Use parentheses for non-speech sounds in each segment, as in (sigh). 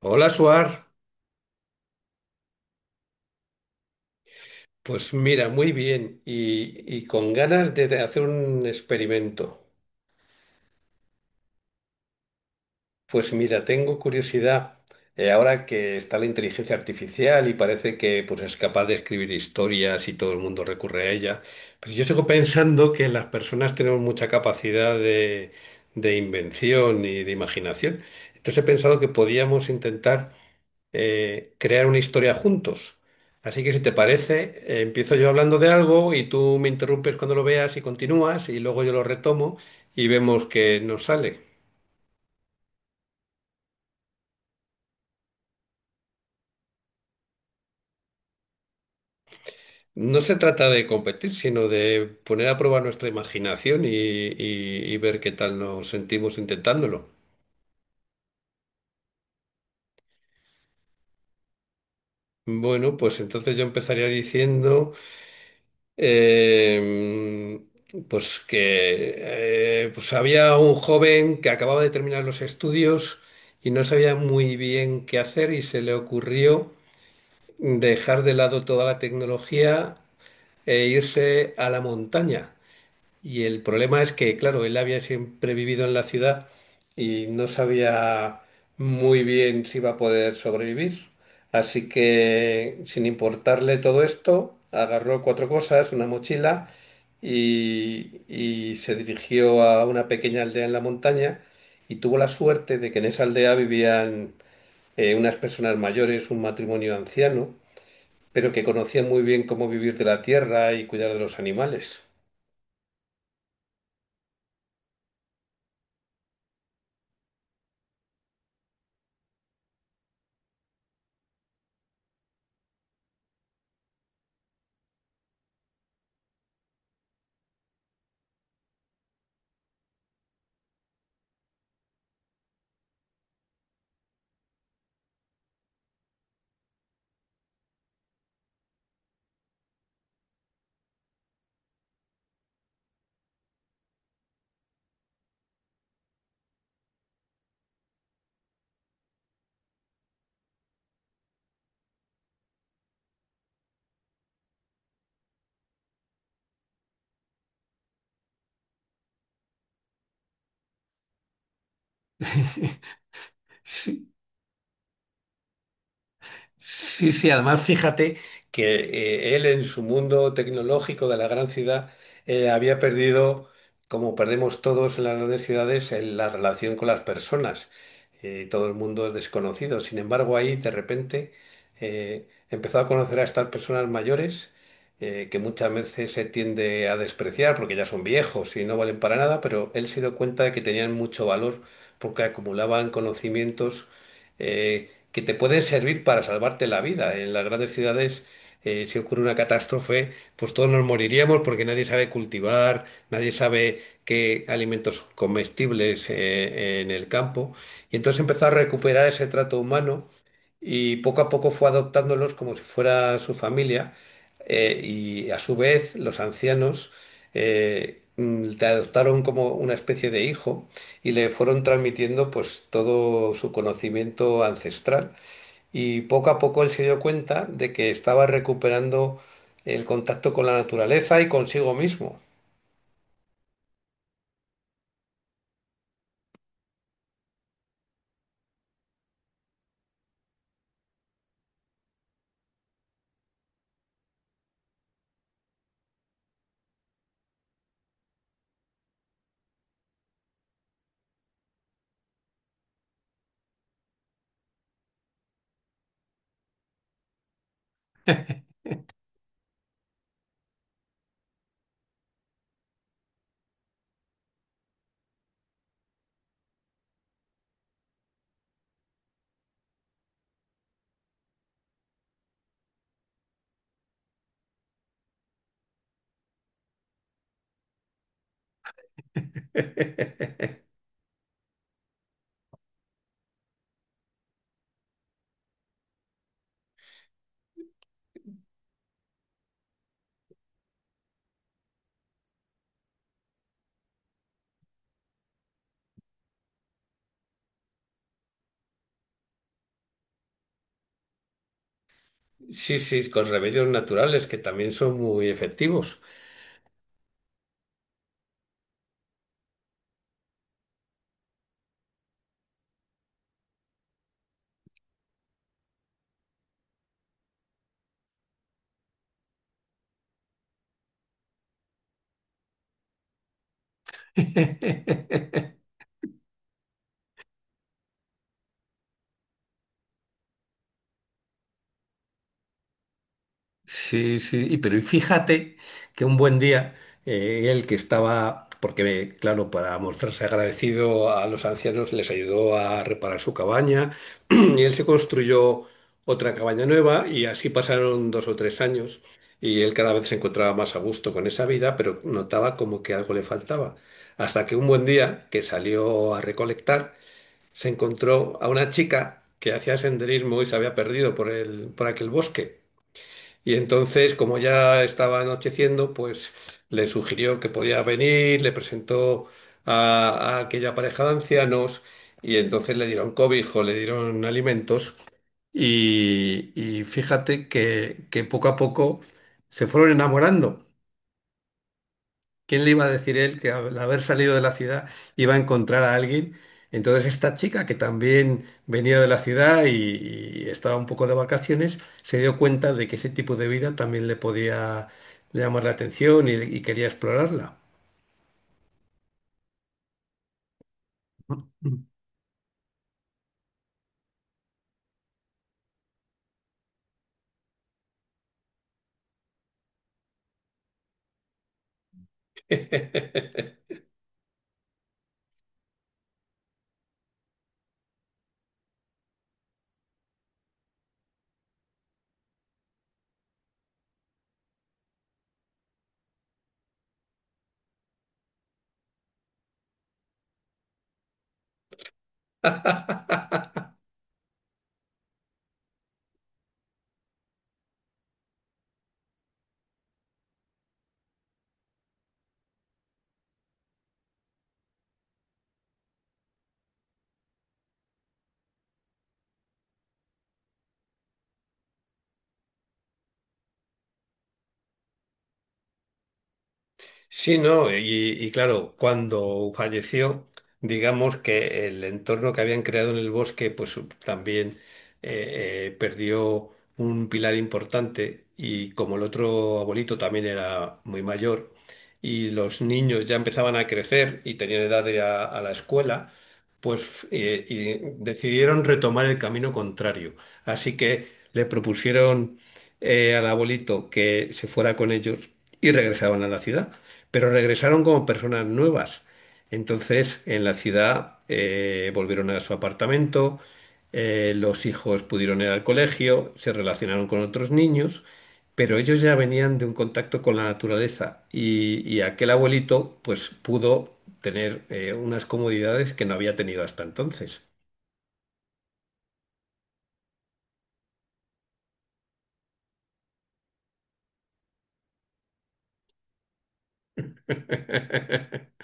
Hola, Suar. Pues mira, muy bien y con ganas de hacer un experimento. Pues mira, tengo curiosidad, ahora que está la inteligencia artificial y parece que pues, es capaz de escribir historias y todo el mundo recurre a ella, pero yo sigo pensando que las personas tenemos mucha capacidad de invención y de imaginación. Entonces he pensado que podíamos intentar crear una historia juntos. Así que si te parece, empiezo yo hablando de algo y tú me interrumpes cuando lo veas y continúas y luego yo lo retomo y vemos qué nos sale. No se trata de competir, sino de poner a prueba nuestra imaginación y ver qué tal nos sentimos intentándolo. Bueno, pues entonces yo empezaría diciendo... eh, pues que pues había un joven que acababa de terminar los estudios y no sabía muy bien qué hacer y se le ocurrió dejar de lado toda la tecnología e irse a la montaña. Y el problema es que, claro, él había siempre vivido en la ciudad y no sabía muy bien si iba a poder sobrevivir. Así que, sin importarle todo esto, agarró cuatro cosas, una mochila y se dirigió a una pequeña aldea en la montaña y tuvo la suerte de que en esa aldea vivían unas personas mayores, un matrimonio anciano, pero que conocían muy bien cómo vivir de la tierra y cuidar de los animales. Sí. Sí, sí, además fíjate que él en su mundo tecnológico de la gran ciudad había perdido, como perdemos todos en las grandes ciudades, la relación con las personas. Todo el mundo es desconocido. Sin embargo, ahí de repente empezó a conocer a estas personas mayores, que muchas veces se tiende a despreciar porque ya son viejos y no valen para nada, pero él se dio cuenta de que tenían mucho valor porque acumulaban conocimientos que te pueden servir para salvarte la vida. En las grandes ciudades, si ocurre una catástrofe, pues todos nos moriríamos porque nadie sabe cultivar, nadie sabe qué alimentos comestibles en el campo. Y entonces empezó a recuperar ese trato humano y poco a poco fue adoptándolos como si fuera su familia, y a su vez los ancianos, te adoptaron como una especie de hijo y le fueron transmitiendo pues todo su conocimiento ancestral. Y poco a poco él se dio cuenta de que estaba recuperando el contacto con la naturaleza y consigo mismo. Sí, sí, con remedios naturales que también son muy efectivos. (laughs) Sí, sí, pero fíjate que un buen día, él que estaba, porque claro, para mostrarse agradecido a los ancianos les ayudó a reparar su cabaña (clears throat) y él se construyó otra cabaña nueva y así pasaron dos o tres años y él cada vez se encontraba más a gusto con esa vida, pero notaba como que algo le faltaba. Hasta que un buen día que salió a recolectar se encontró a una chica que hacía senderismo y se había perdido por aquel bosque. Y entonces, como ya estaba anocheciendo, pues le sugirió que podía venir, le presentó a, a aquella pareja de ancianos y entonces le dieron cobijo, le dieron alimentos y fíjate que poco a poco se fueron enamorando. ¿Quién le iba a decir él que al haber salido de la ciudad iba a encontrar a alguien? Entonces esta chica, que también venía de la ciudad y estaba un poco de vacaciones, se dio cuenta de que ese tipo de vida también le podía llamar la atención y quería explorarla. (laughs) Sí, no, y claro, cuando falleció, digamos que el entorno que habían creado en el bosque, pues también perdió un pilar importante y como el otro abuelito también era muy mayor y los niños ya empezaban a crecer y tenían edad de ir a la escuela, pues y decidieron retomar el camino contrario. Así que le propusieron, al abuelito que se fuera con ellos y regresaron a la ciudad, pero regresaron como personas nuevas. Entonces, en la ciudad volvieron a su apartamento, los hijos pudieron ir al colegio, se relacionaron con otros niños, pero ellos ya venían de un contacto con la naturaleza y aquel abuelito pues pudo tener unas comodidades que no había tenido hasta entonces. (laughs)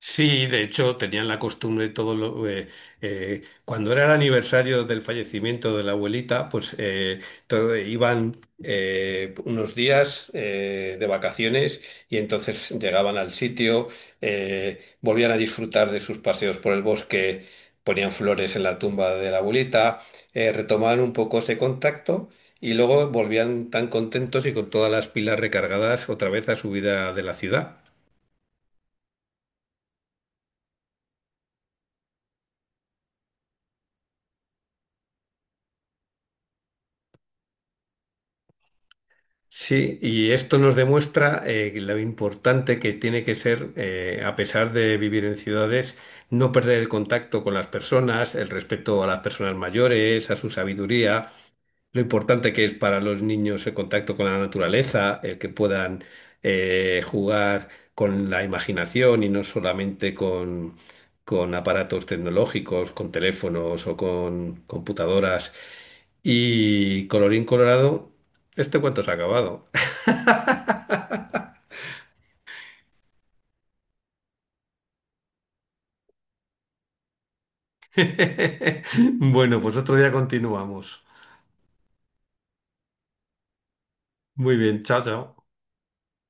Sí, de hecho tenían la costumbre cuando era el aniversario del fallecimiento de la abuelita, pues iban unos días de vacaciones y entonces llegaban al sitio, volvían a disfrutar de sus paseos por el bosque, ponían flores en la tumba de la abuelita, retomaban un poco ese contacto y luego volvían tan contentos y con todas las pilas recargadas otra vez a su vida de la ciudad. Sí, y esto nos demuestra, lo importante que tiene que ser, a pesar de vivir en ciudades, no perder el contacto con las personas, el respeto a las personas mayores, a su sabiduría, lo importante que es para los niños el contacto con la naturaleza, el que puedan jugar con la imaginación y no solamente con aparatos tecnológicos, con teléfonos o con computadoras. Y colorín colorado, este cuento se ha acabado. (laughs) Bueno, pues otro día continuamos. Muy bien, chao, chao.